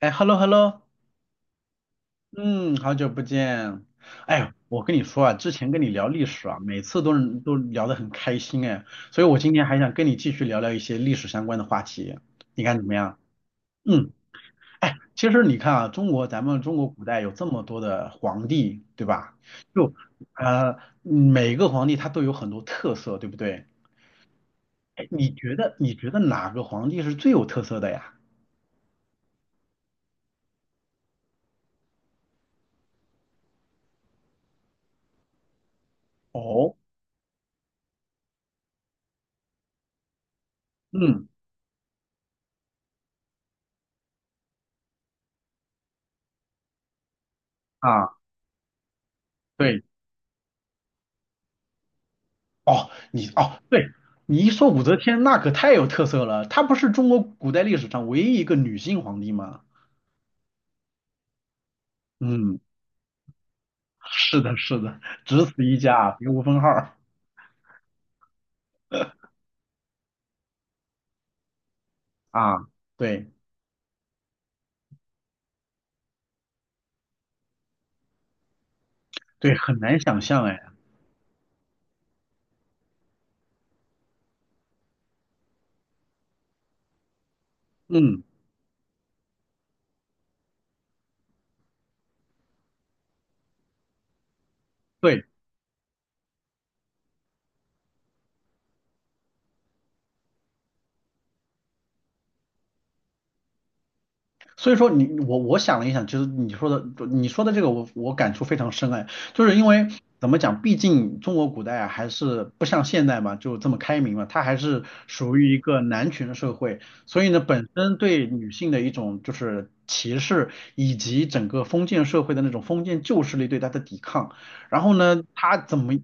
哎，hello hello，嗯，好久不见。哎，我跟你说啊，之前跟你聊历史啊，每次都能都聊得很开心哎，所以我今天还想跟你继续聊聊一些历史相关的话题，你看怎么样？嗯，哎，其实你看啊，咱们中国古代有这么多的皇帝，对吧？就每个皇帝他都有很多特色，对不对？哎，你觉得哪个皇帝是最有特色的呀？哦，嗯啊，对。哦，你哦，对，你一说武则天，那可太有特色了。她不是中国古代历史上唯一一个女性皇帝吗？嗯，是的，是的，只此一家，别无分号儿啊。对对，很难想象哎。嗯，对。所以说我想了一想，其实你说的这个我感触非常深哎，就是因为怎么讲，毕竟中国古代啊还是不像现代嘛，就这么开明嘛，它还是属于一个男权社会，所以呢本身对女性的一种就是歧视，以及整个封建社会的那种封建旧势力对她的抵抗，然后呢他怎么？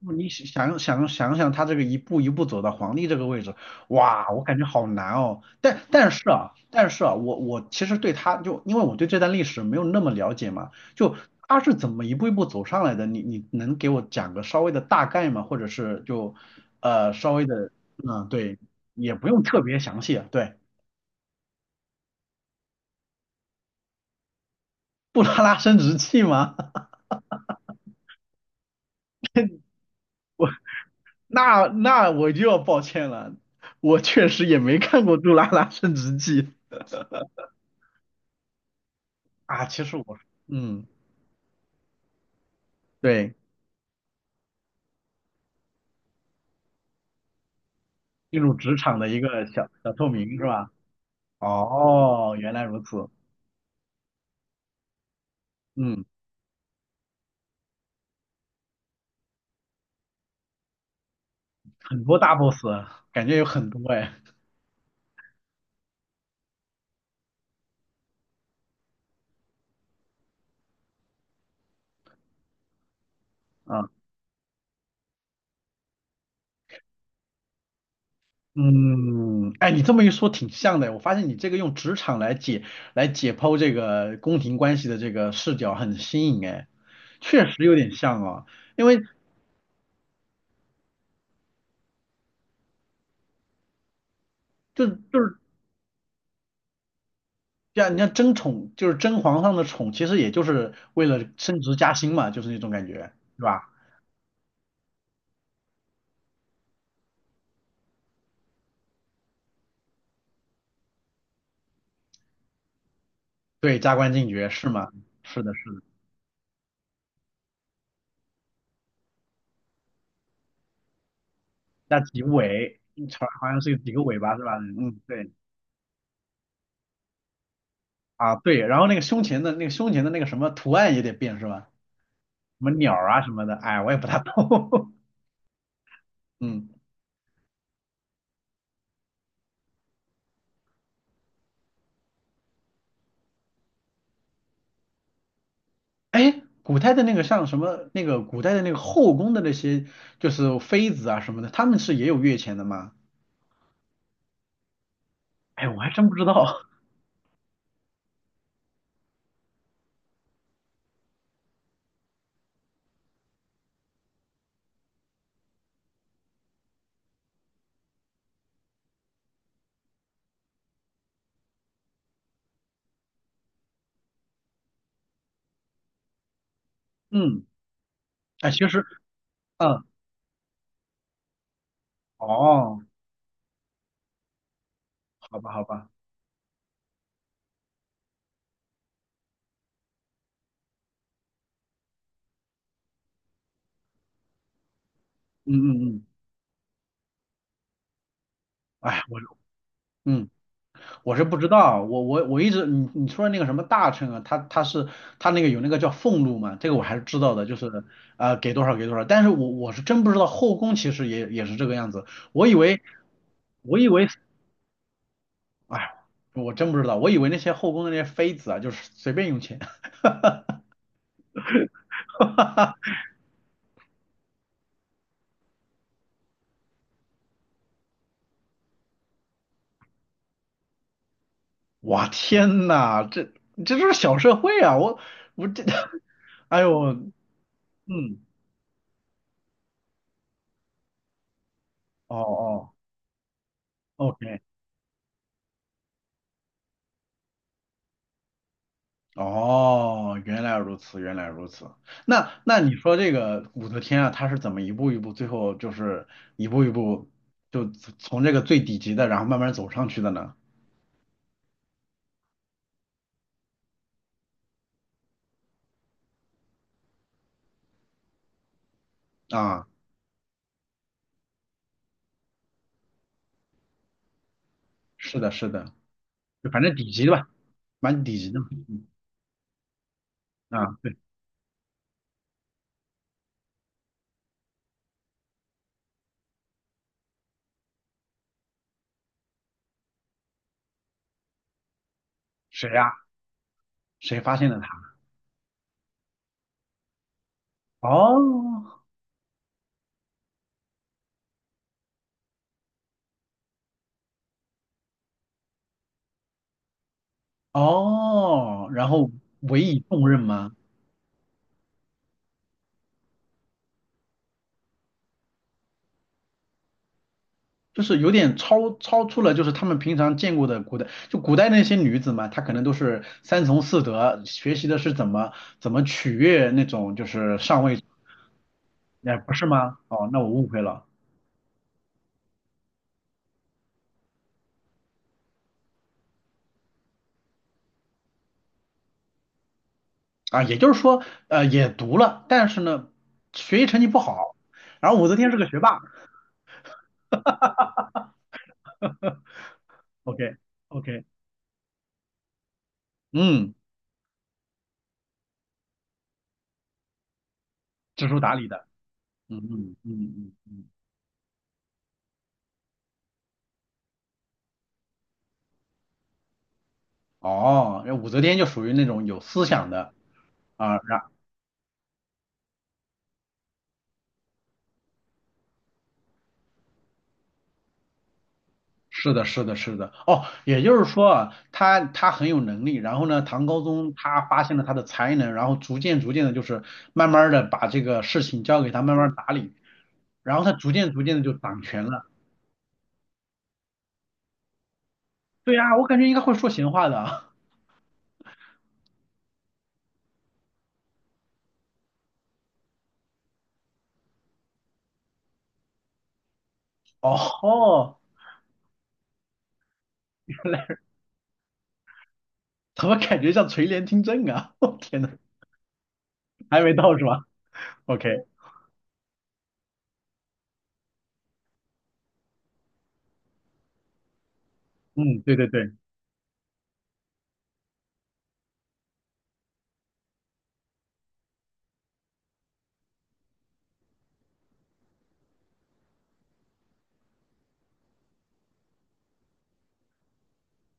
我你想想，他这个一步一步走到皇帝这个位置，哇，我感觉好难哦。但是啊，我其实对他就因为我对这段历史没有那么了解嘛，就他是怎么一步一步走上来的？你能给我讲个稍微的大概吗？或者是就稍微的嗯对，也不用特别详细啊。对，杜拉拉升职记吗？那我就要抱歉了，我确实也没看过《杜拉拉升职记》啊。其实我嗯对，进入职场的一个小小透明是吧？哦，原来如此。嗯，很多大 boss，感觉有很多哎。啊，嗯，哎，你这么一说挺像的。我发现你这个用职场来解剖这个宫廷关系的这个视角很新颖哎，确实有点像啊。因为就是像你像争宠，就是争皇上的宠，其实也就是为了升职加薪嘛，就是那种感觉，是吧？对，加官进爵是吗？是的，是的，加几尾，好像是有几个尾巴是吧？嗯，对。啊，对，然后那个胸前的那个什么图案也得变是吧？什么鸟儿啊什么的，哎，我也不大懂。嗯，哎，古代的那个像什么那个古代的那个后宫的那些就是妃子啊什么的，他们是也有月钱的吗？哎，我还真不知道。嗯，哎，其实，嗯，哦，好吧，好吧，嗯嗯嗯，哎，我，嗯。我是不知道，我一直你说的那个什么大臣啊，他是他那个有那个叫俸禄嘛，这个我还是知道的，就是给多少给多少，但是我是真不知道后宫其实也是这个样子，我以为我以为哎，我真不知道，我以为那些后宫的那些妃子啊，就是随便用钱，我天呐，这就是小社会啊，我这，哎呦，嗯，哦哦，OK。哦，原来如此，原来如此。那你说这个武则天啊，她是怎么一步一步，最后就是一步一步就从这个最底级的，然后慢慢走上去的呢？啊，是的，是的，就反正底级的吧，蛮底级的嘛。嗯啊，对，谁呀、谁发现了她？哦哦，然后委以重任吗？就是有点超出了，就是他们平常见过的古代，就古代那些女子嘛，她可能都是三从四德，学习的是怎么取悦那种就是上位，哎，不是吗？哦，那我误会了啊，也就是说，也读了，但是呢，学习成绩不好，然后武则天是个学霸，OK OK，嗯，知书达理的，嗯嗯嗯嗯，哦，那武则天就属于那种有思想的啊，然。是的，是的，是的。哦，也就是说啊，他很有能力，然后呢，唐高宗他发现了他的才能，然后逐渐逐渐的，就是慢慢的把这个事情交给他慢慢打理，然后他逐渐逐渐的就掌权了。对呀，我感觉应该会说闲话的啊。哦吼原来怎么感觉像垂帘听政啊？我天呐，还没到是吧？OK，嗯，对对对。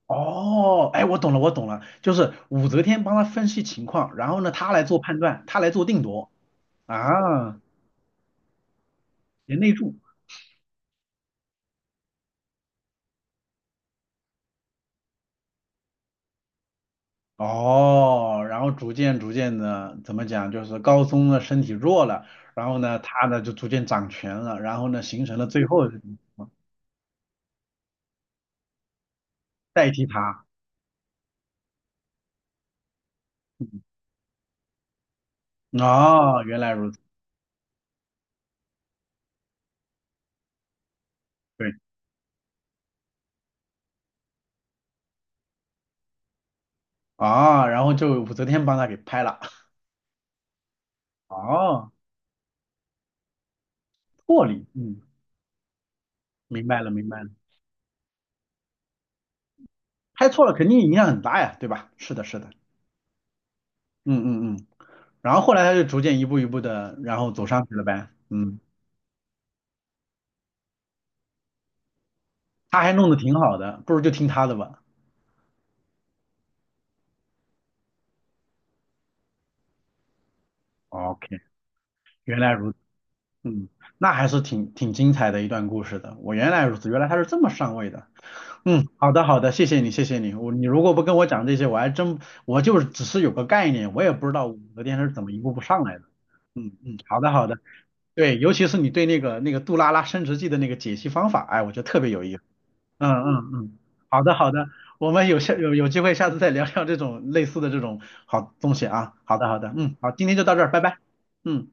哦，哎，我懂了，我懂了，就是武则天帮他分析情况，然后呢，他来做判断，他来做定夺啊，贤内助。哦，然后逐渐逐渐的，怎么讲，就是高宗的身体弱了，然后呢，他呢就逐渐掌权了，然后呢，形成了最后代替他。嗯哦，原来如此，对，啊、然后就武则天帮他给拍了。哦，魄力，嗯，明白了，明白了，拍错了肯定影响很大呀，对吧？是的，是的，嗯嗯嗯。然后后来他就逐渐一步一步的，然后走上去了呗。嗯，他还弄得挺好的，不如就听他的吧。OK，原来如此。嗯，那还是挺精彩的一段故事的。我原来如此，原来他是这么上位的。嗯，好的好的，谢谢你谢谢你。如果不跟我讲这些，我还真我就是只是有个概念，我也不知道武则天是怎么一步步上来的。嗯嗯，好的好的，对，尤其是你对那个杜拉拉升职记的那个解析方法，哎，我觉得特别有意思。嗯嗯嗯，好的好的，我们有机会下次再聊聊这种类似的这种好东西啊。好的好的，嗯，好，今天就到这儿，拜拜。嗯。